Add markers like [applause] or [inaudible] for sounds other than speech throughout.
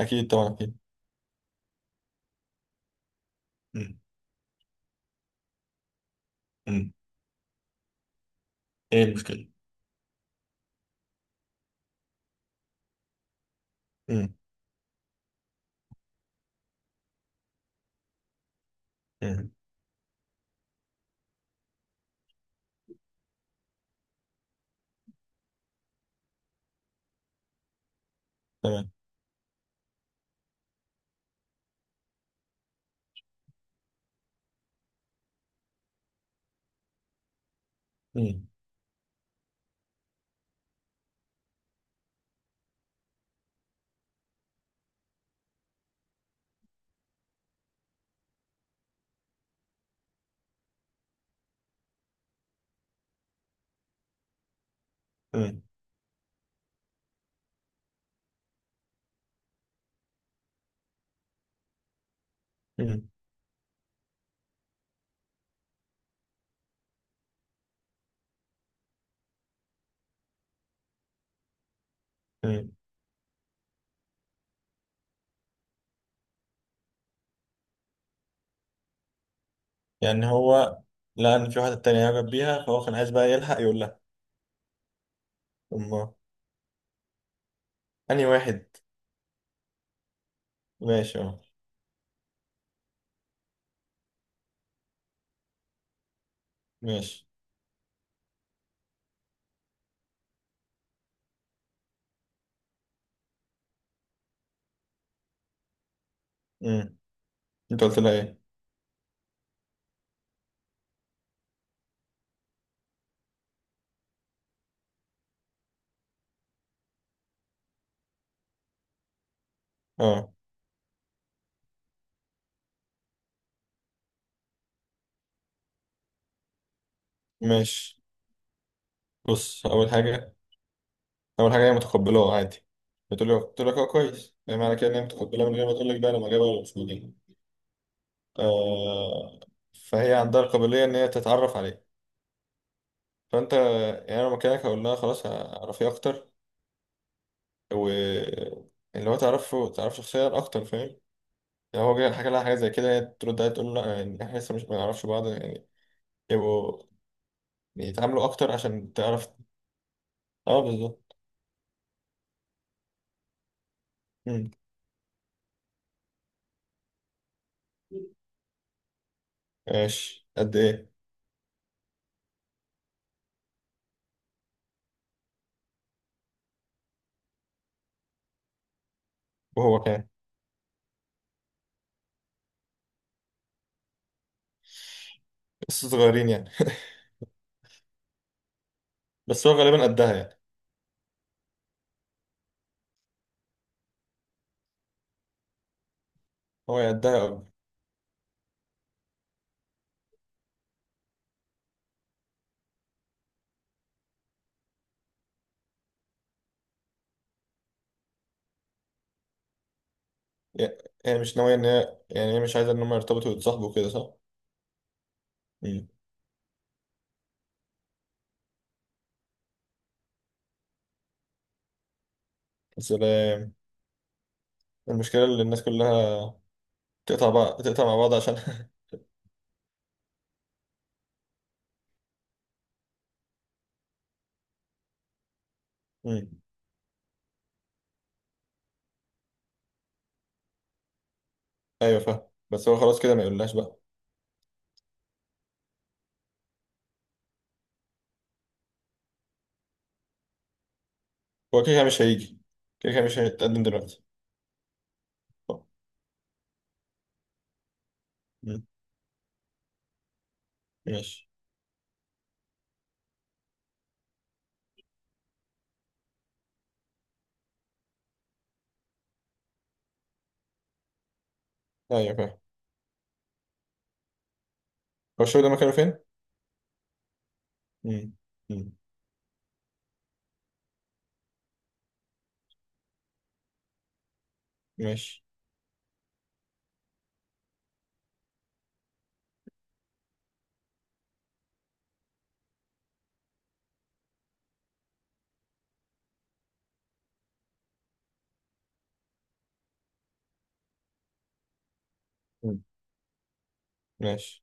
أكيد طبعا، أكيد. مم. مم. إيه المشكلة؟ مم. مم. تمام. مم. مم. مم. مم. يعني هو لقى إن في واحدة تانية يعجب بيها، فهو كان عايز بقى يلحق يقول لها. أما أنهي واحد؟ ماشي، أه. ماشي. مم. أنت قلت لها إيه؟ أه، ماشي. بص، أول حاجة. أول حاجة هي متقبلاه عادي. بتقول له قلت لك أه كويس، يعني معنى كده إن هي متقبلاه من غير ما تقول لك بقى أنا معجبة ولا مش معجبة. آه. فهي عندها القابلية إن هي تتعرف عليه. فانت يعني انا مكانك هقول لها خلاص اعرفيه اكتر. و اللي هو تعرفه، تعرف شخصيا اكتر، فاهم. يعني هو جاي حكى لها حاجه زي كده، هي ترد عليها تقول له لا، يعني احنا لسه مش ما نعرفش بعض يعني. يبقوا يتعاملوا اكتر عشان تعرف. اه، بالظبط. مم. ماشي، قد ايه؟ وهو كان لسه صغيرين يعني [laughs] بس هو غالبا قدها يعني. هو يا قدها أو-. يا- هي مش ناويه ان هي، يعني هي مش عايزه ان هم يرتبطوا ويتصاحبوا كده، صح؟ مم. سلام. المشكله اللي الناس كلها تقطع بقى، تقطع مع بعض عشان [laughs] ايوه فاهم. بس هو خلاص كده ما يقولهاش بقى. هو كده كده مش هيجي. كده كده مش هيتقدم دلوقتي. طب. مم. ماشي. ايوه فاهم. هو الشغل ده مكانه فين؟ مم. مم. ماشي. مم. ماشي.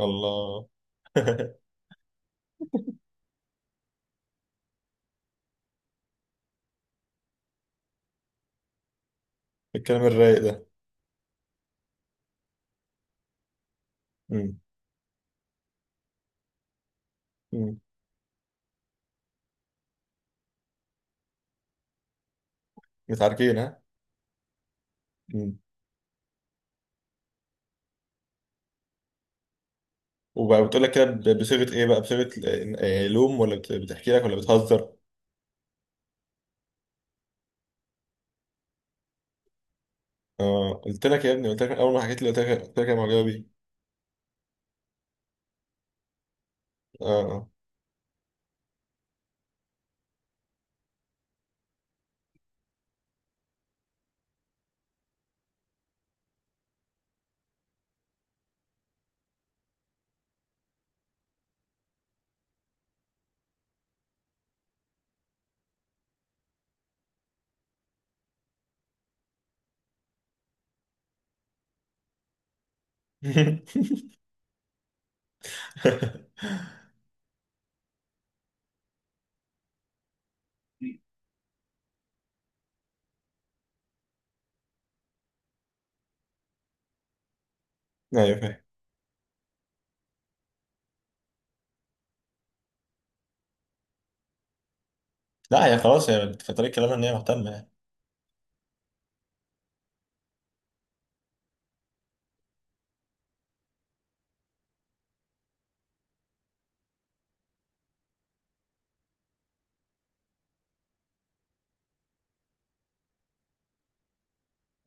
الله [laughs] الكلام الرايق ده. مم. مم. متعاركين، ها؟ مم. وبقى بتقول لك كده بصيغة ايه بقى، بصيغة لوم، ولا بتحكي لك، ولا بتهزر؟ اه، قلت لك يا ابني، قلت لك من اول ما حكيت لي، قلت لك يا معجبه بيه. اه. اه. [laughs] ايوه فاهم. لا، هي خلاص هي في طريق كلامها ان هي مهتمه يعني.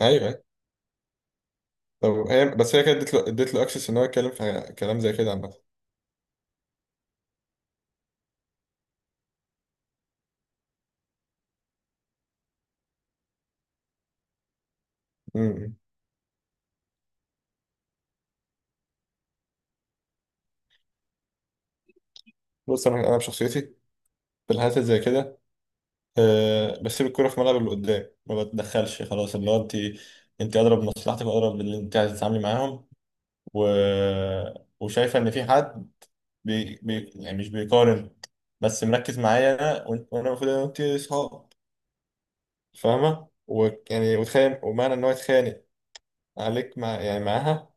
ايوه. طب هي، بس هي كانت اديت له اكسس ان هو يتكلم في كلام زي كده عامه. أمم. بص، انا بشخصيتي في الحالات اللي زي كده، أه، بسيب الكوره في ملعب اللي قدام، ما بتدخلش، خلاص. اللي هو انت اضرب بمصلحتك، واضرب باللي انت عايز تتعاملي معاهم. و... وشايفه ان في حد، يعني مش بيقارن، بس مركز معايا انا وانا المفروض انا وانت اصحاب، فاهمه. ويعني وتخيل ومعنى ان هو يتخانق عليك، يعني معاها.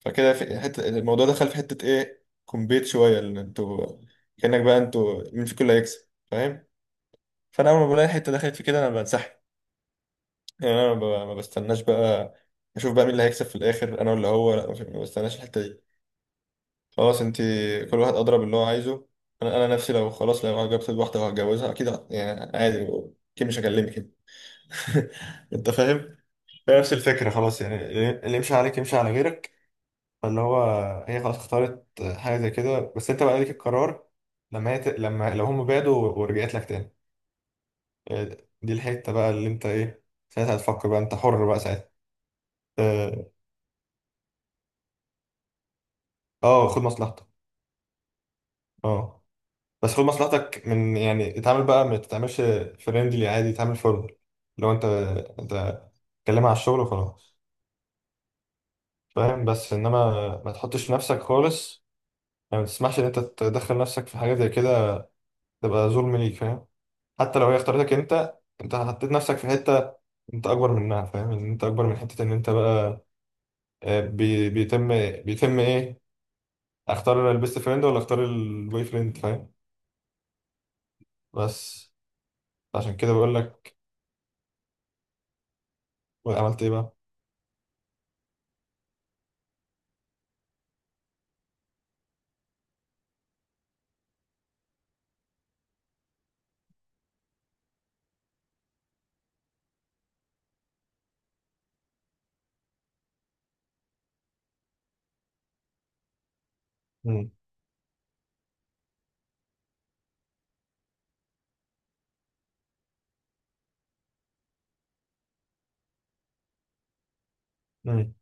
فكده في حتة الموضوع دخل في حتة ايه، كومبيت شوية، ان انتوا كأنك بقى انتوا مين فيكم اللي هيكسب، فاهم. فانا اول ما بلاقي حتة دخلت في كده انا بنسحب. يعني انا ما بستناش بقى. اشوف بقى مين اللي هيكسب في الاخر، انا ولا هو. لا، ما بستناش الحتة دي. خلاص، انت كل واحد اضرب اللي هو عايزه. انا نفسي لو خلاص لو جبت واحدة وهتجوزها، اكيد يعني عادي، اكيد مش هكلمك [laughs] انت فاهم. هي نفس الفكرة خلاص يعني. اللي يمشي عليك يمشي على غيرك. فاللي هو هي خلاص اختارت حاجة زي كده. بس انت بقى ليك القرار لما هي، لما لو هم بعدوا ورجعت لك تاني. دي الحتة بقى اللي انت ايه، ساعتها هتفكر بقى، انت حر بقى ساعتها. اه. اه، خد مصلحتك. اه. بس خد مصلحتك، من يعني اتعامل بقى ما تتعاملش فريندلي عادي، اتعامل فورمال. لو انت، انت اتكلم على الشغل وخلاص. فاهم. بس انما ما تحطش نفسك خالص، يعني ما تسمحش ان انت تدخل نفسك في حاجة زي كده، تبقى ظلم ليك، فاهم. حتى لو هي اختارتك انت. انت حطيت نفسك في حته، انت اكبر منها، فاهم ان انت اكبر من حته ان انت بقى، بيتم، بيتم ايه، اختار البيست فريند ولا اختار البوي فريند، فاهم. بس عشان كده بقول لك. عملت ايه بقى؟ امم. امم.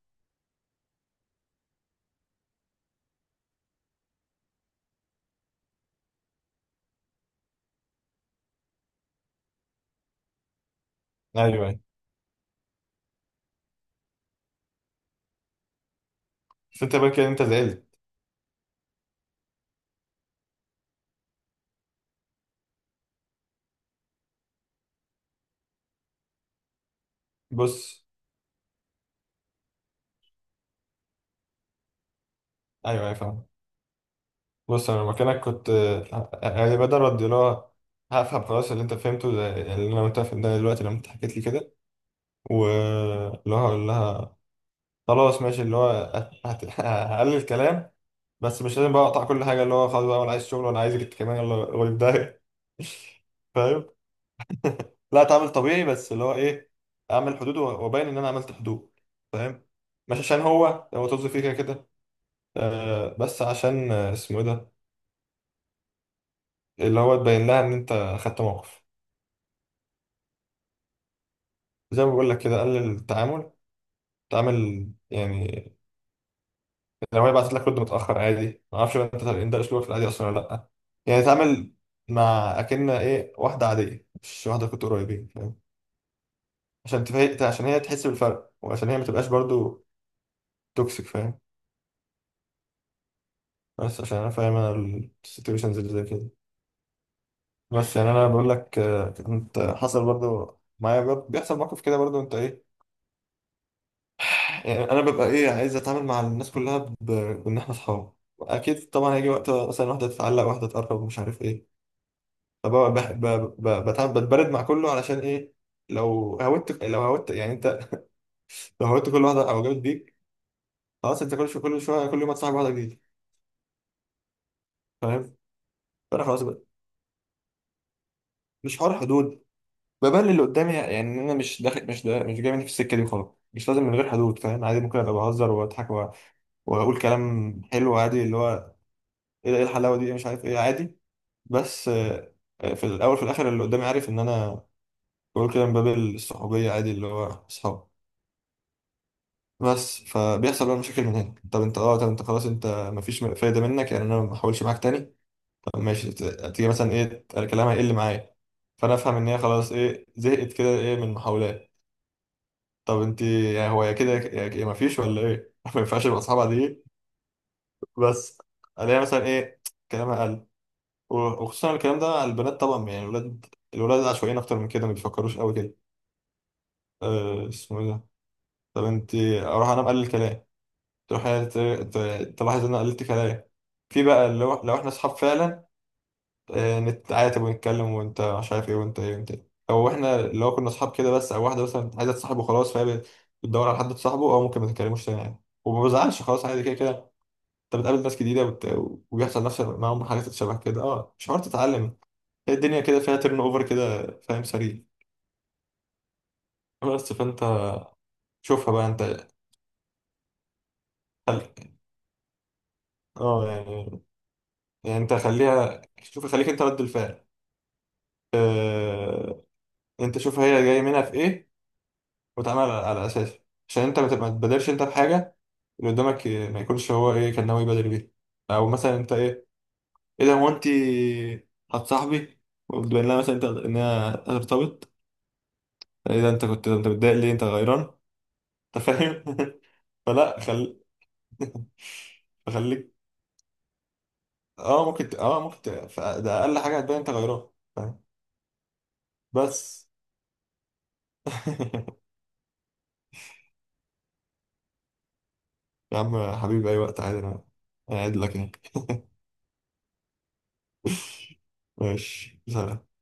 ايوه، ايوه. بس انت بقى كده انت زعلت. بص. ايوه، ايوه، فاهم. بص انا مكانك كنت، يعني بدل رد اللي هو هفهم خلاص اللي انت فهمته يعني اللي انا وانت فهمتها دلوقتي لما انت حكيت لي كده. واللي هو هقول لها خلاص ماشي، اللي هو [laughs] هقلل الكلام. بس مش لازم بقى اقطع كل حاجه، اللي هو خلاص بقى ولا عايز شغل ولا عايزك انت كمان، يلا غريب ده [laughs] فاهم. لا، اتعامل طبيعي، بس اللي هو ايه، اعمل حدود وابين ان انا عملت حدود، فاهم. مش عشان هو، هو طز فيه كده كده. بس عشان، اسمه ايه ده، اللي هو تبين لها ان انت خدت موقف. زي ما بقول لك كده، قلل التعامل. تعامل يعني لو هي بعتت لك رد متاخر عادي، ما اعرفش بقى انت طالعين ده اسلوبك في العادي اصلا ولا لا. يعني اتعامل مع اكن ايه واحده عاديه، مش واحده كنت قريبين، فاهم، عشان تفاجئ، عشان هي تحس بالفرق، وعشان هي ما تبقاش برضو توكسيك، فاهم. بس عشان انا فاهم انا السيتويشنز اللي زي كده. بس يعني انا بقول لك، كنت حصل برضو معايا، برضو بيحصل موقف كده، برضو انت ايه، يعني انا ببقى ايه عايز اتعامل مع الناس كلها بان احنا اصحاب. اكيد طبعا هيجي وقت مثلا واحده تتعلق، واحده تقرب، مش عارف ايه. بتبرد مع كله، علشان ايه؟ لو هودت يعني انت، لو هودت كل واحده او جابت بيك، خلاص انت كل شويه كل شويه كل يوم هتصاحب واحده جديده. فاهم. فانا خلاص بقى، مش حوار حدود، ببلل اللي قدامي، يعني ان انا مش داخل، مش دا، مش جاي مني في السكه دي، وخلاص. مش لازم من غير حدود، فاهم، عادي ممكن ابقى بهزر واضحك واقول كلام حلو، عادي اللي هو ايه ده؟ إيه الحلاوه دي، إيه، مش عارف ايه، عادي. بس في الاول في الاخر اللي قدامي عارف ان انا بقول كده من باب الصحوبيه، عادي اللي هو اصحاب. بس فبيحصل بقى مشاكل من هنا. طب انت خلاص انت مفيش فايده منك، يعني انا ما احاولش معاك تاني. طب ماشي، تيجي مثلا ايه، انا كلامها هيقل معايا. فانا افهم ان هي خلاص ايه زهقت كده ايه من المحاولات. طب انت يعني، هو يا كده يا مفيش ولا ايه [laughs] ما ينفعش يبقى اصحابها دي. بس الاقيها مثلا ايه كلامها قل و- وخصوصا الكلام ده على البنات طبعا، يعني الولاد عشوائيين اكتر من كده، ما بيفكروش قوي كده. أه، اسمه ايه ده، طب انت اروح انام قال الكلام، تروح هي تلاحظ ان انا قلت كلام. في بقى لو احنا اصحاب فعلا، نتعاتب ونتكلم، وانت مش عارف ايه، وانت ايه، وانت ايه. او احنا لو كنا اصحاب كده بس، او واحده مثلا عايزه تصاحبه خلاص، فهي بتدور على حد تصاحبه، او ممكن ما تتكلموش تاني عادي، وما بزعلش خلاص، عادي كده كده. انت بتقابل ناس جديده وبيحصل نفس معاهم حاجات شبه كده، اه مش عارف تتعلم. هي الدنيا كده فيها ترن اوفر كده، فاهم، سريع. بس فانت شوفها بقى انت. خل... اه يعني، يعني انت خليها، شوف خليك انت رد الفعل. آه، انت شوف هي جاي منها في ايه، وتعمل على اساسه، عشان انت ما تبادرش انت بحاجه، اللي قدامك ما يكونش هو ايه كان ناوي يبادر بيها. او مثلا انت ايه، ايه ده، هو انت هتصاحبي وتبين لها مثلا انت انها هترتبط، ايه ده، انت كنت انت متضايق ليه، انت غيران. انت فاهم [laughs] فلا خليك. ده اقل حاجه هتبان انت غيران، فاهم. بس [laughs] يا عم حبيبي، اي وقت عادي، انا قاعد لك يعني [laughs] ماشي، سلام.